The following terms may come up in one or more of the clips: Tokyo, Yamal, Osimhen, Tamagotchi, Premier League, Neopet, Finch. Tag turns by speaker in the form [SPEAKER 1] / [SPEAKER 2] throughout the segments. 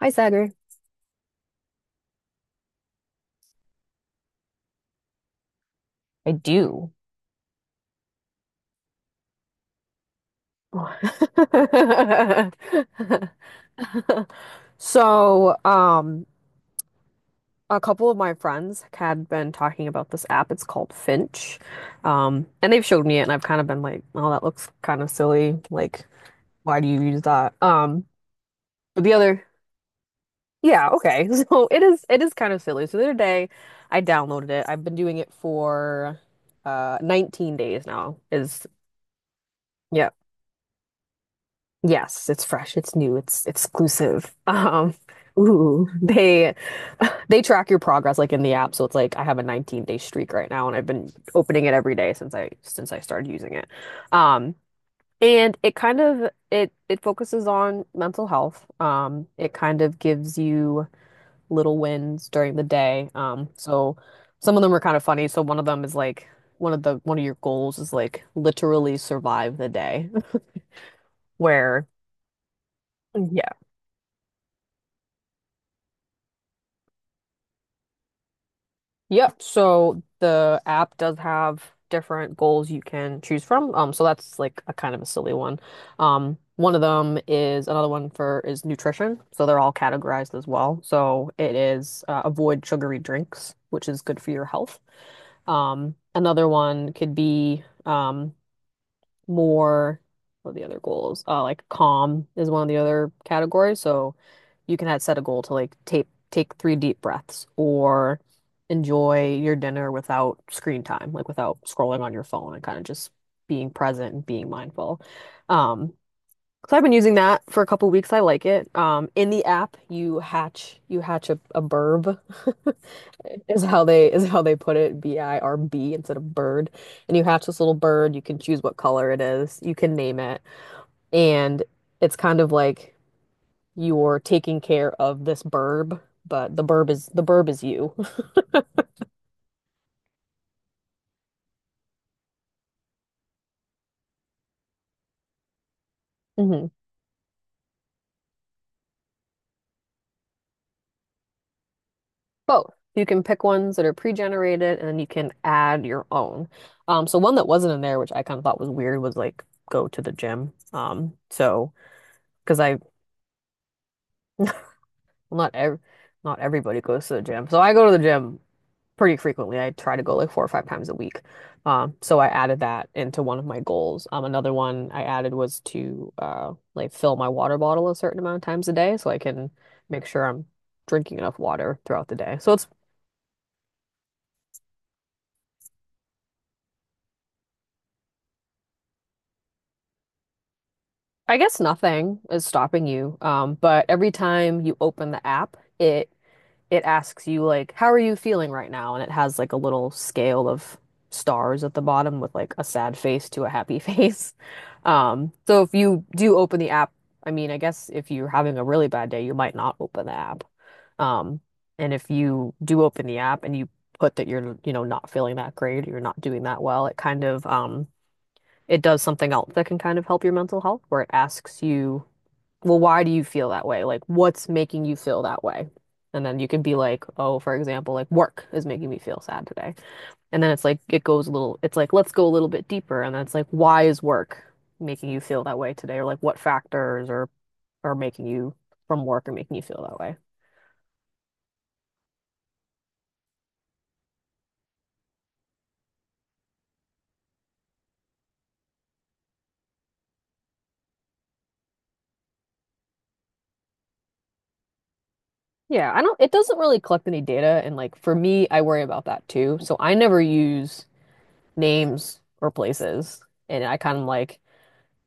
[SPEAKER 1] Hi, Sagar. I do. So, um, a couple of my friends had been talking about this app. It's called Finch. And they've showed me it, and I've kind of been like, oh, that looks kind of silly. Like, why do you use that? But the other, yeah, okay. So it is kind of silly. So the other day, I downloaded it. I've been doing it for 19 days now. Is yeah. Yes, it's fresh, it's new, it's exclusive. They they track your progress like in the app, so it's like I have a 19-day streak right now, and I've been opening it every day since I started using it. Um, and it focuses on mental health. It kind of gives you little wins during the day. So some of them are kind of funny. So one of them is like one of your goals is like literally survive the day, where. Yeah. Yep. So the app does have different goals you can choose from. So that's like a kind of a silly one. One of them is another one for is nutrition. So they're all categorized as well. So it is avoid sugary drinks, which is good for your health. Another one could be more What are the other goals? Like calm is one of the other categories. So you can have set a goal to like take 3 deep breaths or enjoy your dinner without screen time, like without scrolling on your phone and kind of just being present and being mindful. Um, so I've been using that for a couple weeks. I like it. In the app, you hatch a burb is how they put it. BIRB instead of bird. And you hatch this little bird. You can choose what color it is. You can name it. And it's kind of like you're taking care of this burb, but the burb is you. Both. You can pick ones that are pre-generated and you can add your own. So one that wasn't in there, which I kind of thought was weird, was like go to the gym. So because I not ev not everybody goes to the gym. So I go to the gym pretty frequently. I try to go like four or five times a week. So I added that into one of my goals. Another one I added was to like fill my water bottle a certain amount of times a day so I can make sure I'm drinking enough water throughout the day. So it's I guess nothing is stopping you. But every time you open the app, it asks you like, how are you feeling right now? And it has like a little scale of stars at the bottom with like a sad face to a happy face. So if you do open the app, I mean, I guess if you're having a really bad day, you might not open the app. Um, and if you do open the app and you put that you're, you know, not feeling that great, you're not doing that well, it kind of it does something else that can kind of help your mental health, where it asks you, well, why do you feel that way? Like, what's making you feel that way? And then you can be like, oh, for example, like work is making me feel sad today. And then it's like, it's like, let's go a little bit deeper. And that's like, why is work making you feel that way today? Or like, what factors are making you from work or making you feel that way? Yeah, I don't, it doesn't really collect any data. And like, for me, I worry about that too. So I never use names or places. And I kind of like,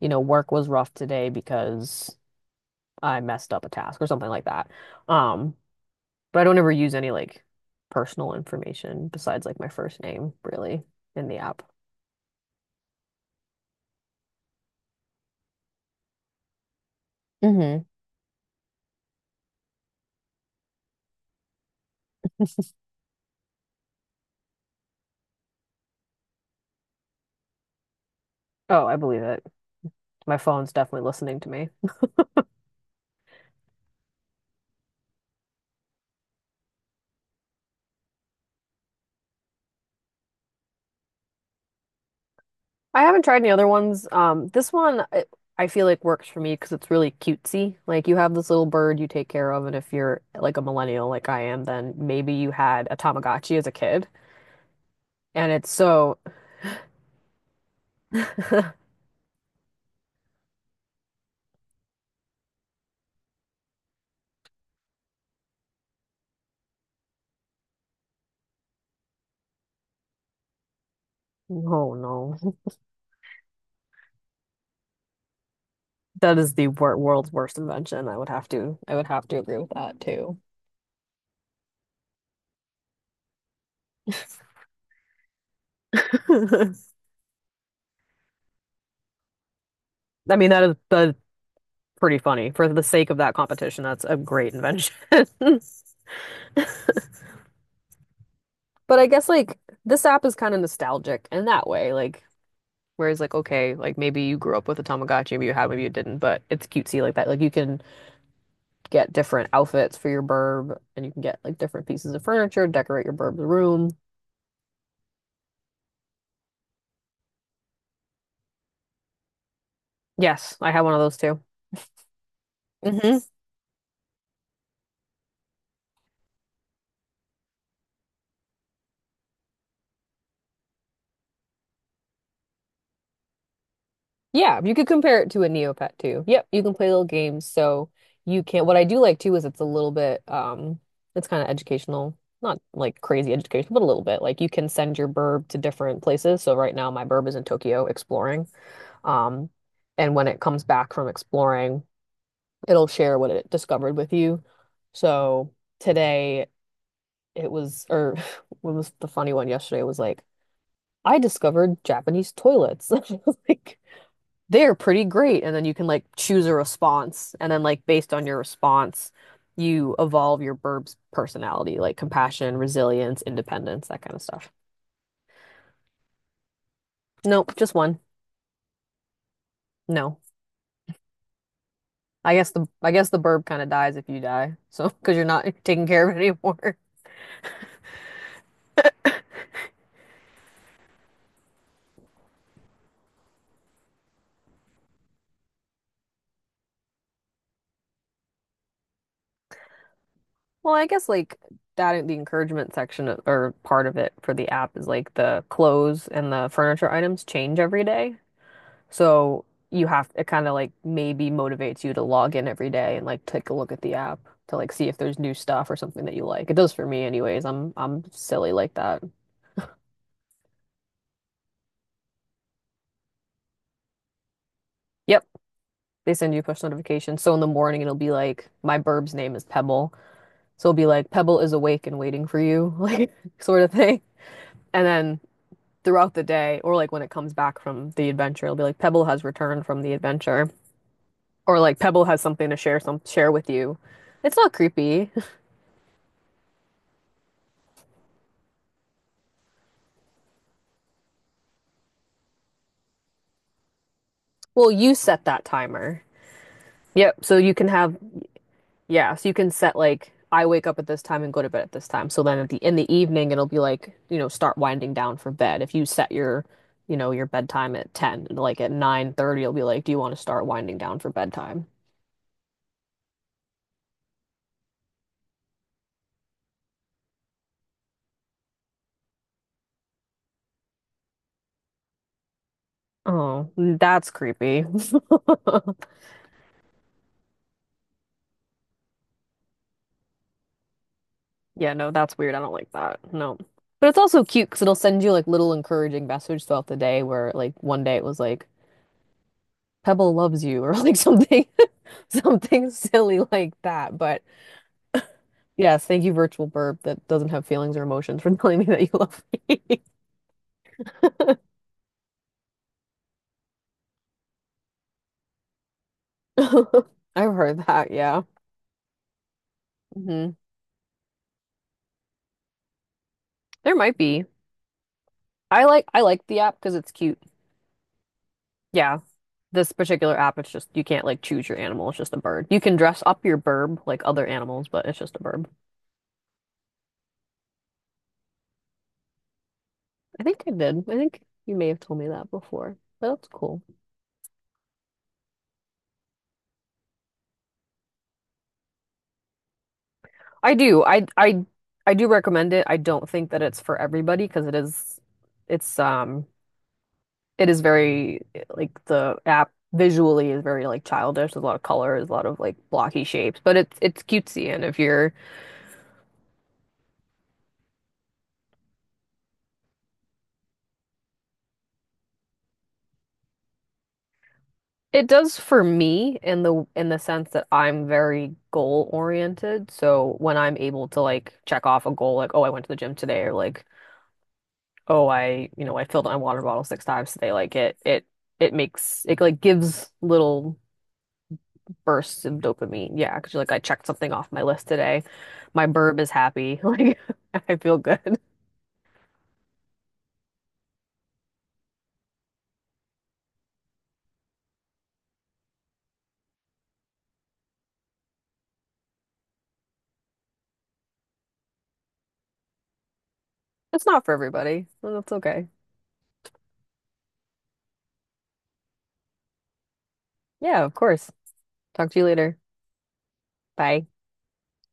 [SPEAKER 1] you know, work was rough today because I messed up a task or something like that. Um, but I don't ever use any like personal information besides like my first name, really, in the app. Hmm Oh, I believe it. My phone's definitely listening to me. I haven't tried any other ones. I feel like works for me because it's really cutesy. Like you have this little bird you take care of, and if you're like a millennial like I am, then maybe you had a Tamagotchi as a kid, and it's so. Oh no. That is the world's worst invention. I would have to agree with that too. I mean, that is that's pretty funny. For the sake of that competition, that's a great invention. But I guess like this app is kind of nostalgic in that way, like whereas like okay, like maybe you grew up with a Tamagotchi, maybe you had, maybe you didn't, but it's cutesy like that. Like you can get different outfits for your burb, and you can get like different pieces of furniture, decorate your burb's room. Yes, I have one of those too. Hmm Yeah, you could compare it to a Neopet too. Yep, you can play little games, so you can. What I do like too is it's a little bit, it's kind of educational, not like crazy educational, but a little bit. Like you can send your burb to different places. So right now my burb is in Tokyo exploring, um, and when it comes back from exploring, it'll share what it discovered with you. So today it was, or what was the funny one yesterday was like, I discovered Japanese toilets. I was like, they're pretty great. And then you can like choose a response. And then like based on your response, you evolve your Burb's personality, like compassion, resilience, independence, that kind of stuff. Nope, just one. No. I guess the Burb kind of dies if you die. So because you're not taking care of it anymore. Well, I guess like that the encouragement section of- or part of it for the app is like the clothes and the furniture items change every day. So you have it kind of like maybe motivates you to log in every day and like take a look at the app to like see if there's new stuff or something that you like. It does for me anyways. I'm silly like that. Yep, they send you push notifications. So in the morning it'll be like my burb's name is Pebble. So it'll be like Pebble is awake and waiting for you, like sort of thing. And then throughout the day or like when it comes back from the adventure, it'll be like Pebble has returned from the adventure or like Pebble has something to share with you. It's not creepy. Well, you set that timer. Yep. Yeah, so you can set like I wake up at this time and go to bed at this time. So then at the in the evening it'll be like, you know, start winding down for bed. If you set your, you know, your bedtime at 10, like at 9:30 it'll be like, do you want to start winding down for bedtime? Oh, that's creepy. Yeah, no, that's weird. I don't like that. No. But it's also cute because it'll send you like little encouraging messages throughout the day where like one day it was like Pebble loves you or like something something silly like that. But yes, thank you, virtual burp that doesn't have feelings or emotions for telling me that you love me. I've heard that, yeah. hmm There might be. I like the app because it's cute. Yeah. This particular app, it's just you can't like choose your animal, it's just a bird. You can dress up your burb like other animals, but it's just a burb. I think I did. I think you may have told me that before. But that's cool. I do. I do recommend it. I don't think that it's for everybody because it's um it is very like the app visually is very like childish. There's a lot of colors, a lot of like blocky shapes, but it's cutesy. And if you're, it does for me in the sense that I'm very goal oriented. So when I'm able to like check off a goal, like oh I went to the gym today, or like oh I you know I filled my water bottle 6 times today, like it makes it like gives little bursts of dopamine. Yeah, because you're like I checked something off my list today. My burb is happy. Like I feel good. It's not for everybody. Well, that's okay. Yeah, of course. Talk to you later. Bye.